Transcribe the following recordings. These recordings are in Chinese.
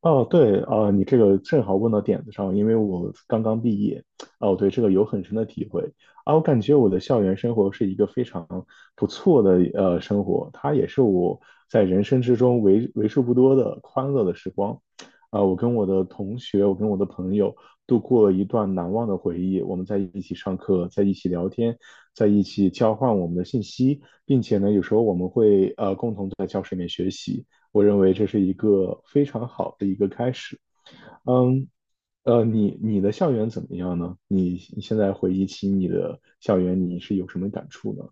哦，对啊，你这个正好问到点子上，因为我刚刚毕业，哦，我对这个有很深的体会啊，我感觉我的校园生活是一个非常不错的生活，它也是我在人生之中为数不多的欢乐的时光，啊，我跟我的同学，我跟我的朋友度过了一段难忘的回忆，我们在一起上课，在一起聊天，在一起交换我们的信息，并且呢，有时候我们会共同在教室里面学习。我认为这是一个非常好的一个开始。嗯，你的校园怎么样呢？你现在回忆起你的校园，你是有什么感触呢？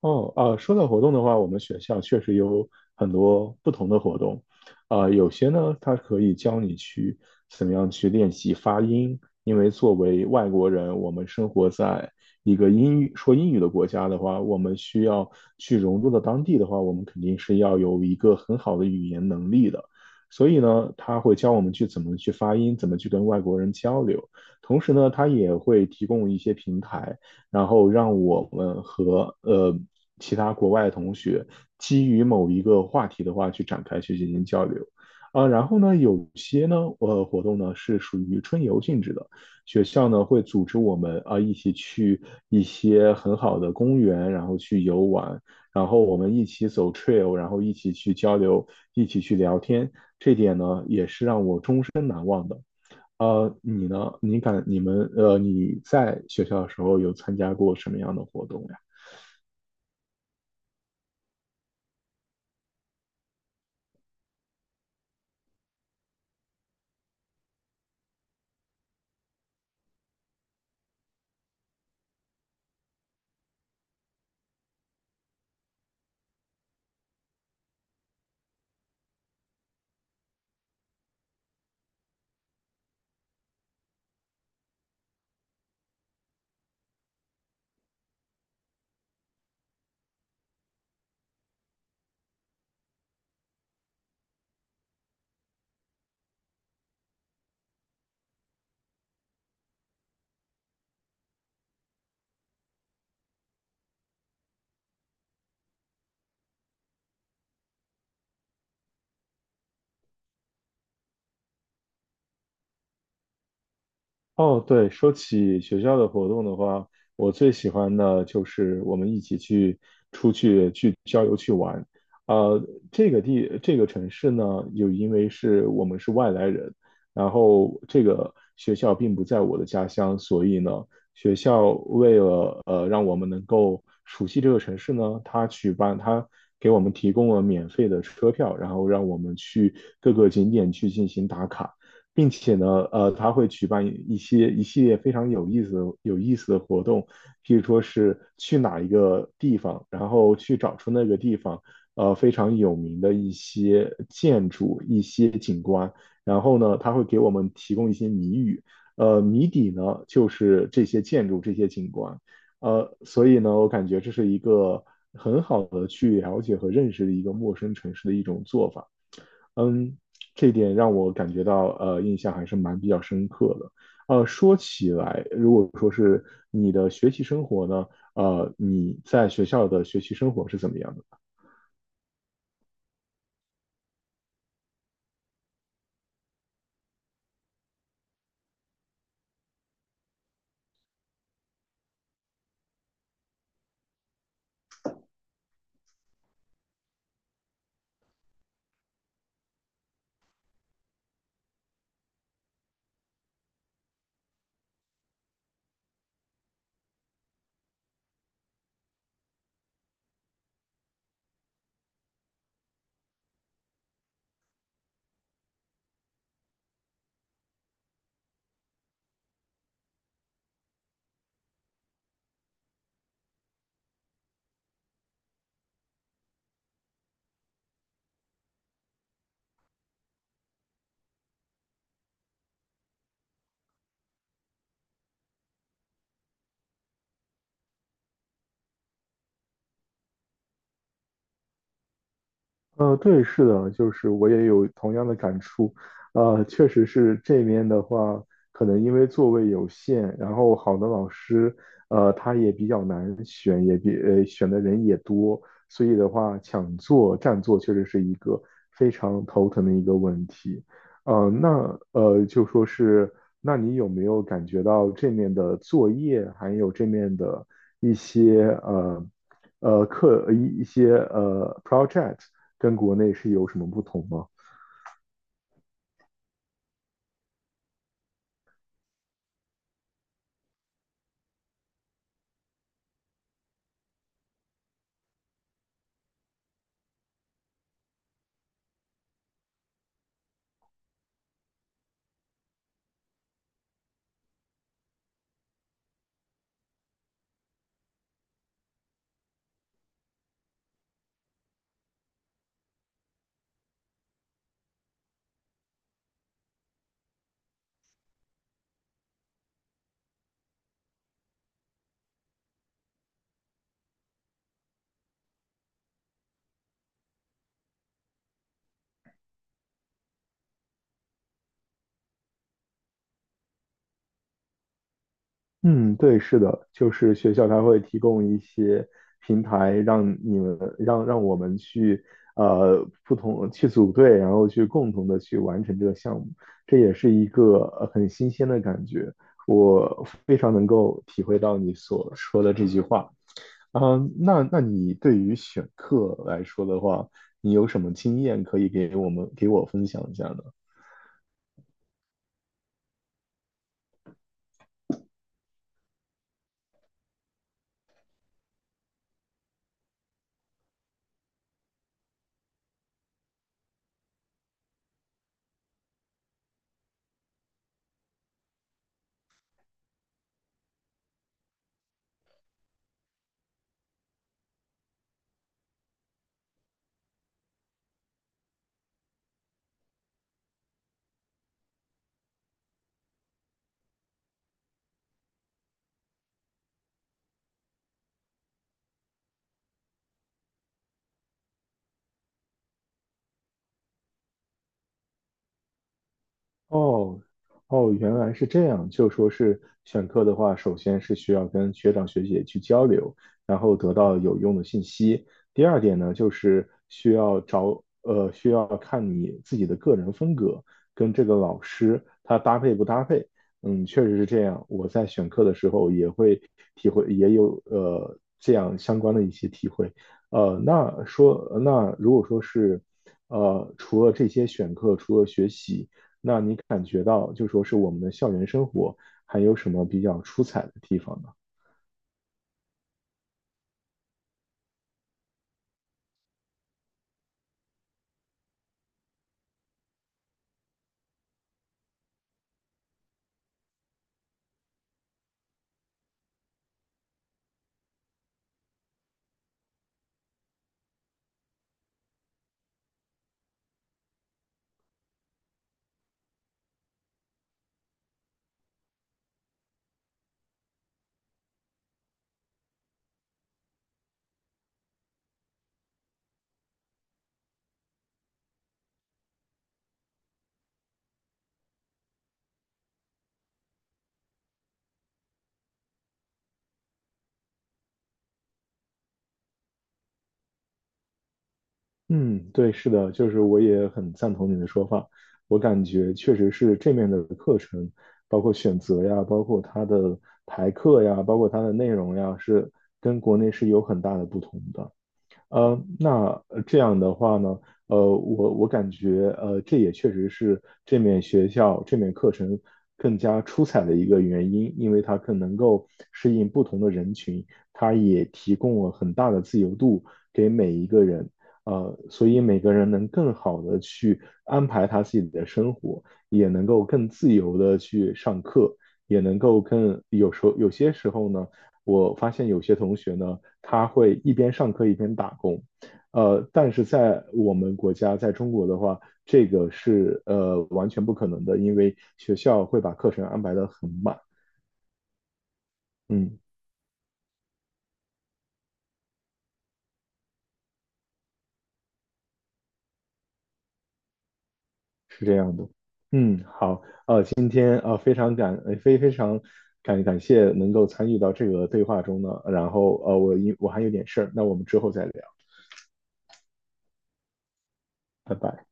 哦，啊，说到活动的话，我们学校确实有很多不同的活动，啊、有些呢，它可以教你去怎么样去练习发音，因为作为外国人，我们生活在一个英语说英语的国家的话，我们需要去融入到当地的话，我们肯定是要有一个很好的语言能力的，所以呢，他会教我们去怎么去发音，怎么去跟外国人交流，同时呢，他也会提供一些平台。然后让我们和其他国外的同学基于某一个话题的话去展开去进行交流。啊，然后呢，有些呢，活动呢是属于春游性质的，学校呢会组织我们啊一起去一些很好的公园，然后去游玩，然后我们一起走 trail，然后一起去交流，一起去聊天，这点呢也是让我终身难忘的。呃，你呢？你感你们呃，你在学校的时候有参加过什么样的活动呀？哦，对，说起学校的活动的话，我最喜欢的就是我们一起去出去去郊游去玩。呃，这个地这个城市呢，又因为是我们是外来人，然后这个学校并不在我的家乡，所以呢，学校为了让我们能够熟悉这个城市呢，它举办它给我们提供了免费的车票，然后让我们去各个景点去进行打卡。并且呢，呃，他会举办一系列非常有意思的、有意思的活动，譬如说是去哪一个地方，然后去找出那个地方，呃，非常有名的一些建筑、一些景观，然后呢，他会给我们提供一些谜语，呃，谜底呢就是这些建筑、这些景观，呃，所以呢，我感觉这是一个很好的去了解和认识的一个陌生城市的一种做法。嗯，这一点让我感觉到印象还是蛮比较深刻的。呃，说起来，如果说是你的学习生活呢，呃，你在学校的学习生活是怎么样的？呃，对，是的，就是我也有同样的感触，呃，确实是这边的话，可能因为座位有限，然后好的老师，呃，他也比较难选，选的人也多，所以的话，抢座占座确实是一个非常头疼的一个问题，呃，就说是，那你有没有感觉到这面的作业，还有这面的一些project？跟国内是有什么不同吗？嗯，对，是的，就是学校它会提供一些平台，让我们去不同去组队，然后去共同的去完成这个项目，这也是一个很新鲜的感觉。我非常能够体会到你所说的这句话。嗯，那你对于选课来说的话，你有什么经验可以给我分享一下呢？哦，哦，原来是这样。就说是选课的话，首先是需要跟学长学姐去交流，然后得到有用的信息。第二点呢，就是需要找，呃，需要看你自己的个人风格跟这个老师他搭配不搭配。嗯，确实是这样。我在选课的时候也会体会，也有这样相关的一些体会。那如果说是，呃，除了这些选课，除了学习。那你感觉到就说是我们的校园生活还有什么比较出彩的地方呢？嗯，对，是的，就是我也很赞同你的说法。我感觉确实是这面的课程，包括选择呀，包括它的排课呀，包括它的内容呀，是跟国内是有很大的不同的。呃，这样的话呢，呃，我感觉，呃，这也确实是这面学校这面课程更加出彩的一个原因，因为它更能够适应不同的人群，它也提供了很大的自由度给每一个人，呃，所以每个人能更好的去安排他自己的生活，也能够更自由的去上课，也能够更有时候有些时候呢。我发现有些同学呢，他会一边上课一边打工。呃，但是在我们国家，在中国的话，这个是完全不可能的，因为学校会把课程安排的很满。嗯，是这样的。嗯，好，今天呃非常感呃非非常感感谢能够参与到这个对话中呢。然后我还有点事儿，那我们之后再聊，拜拜。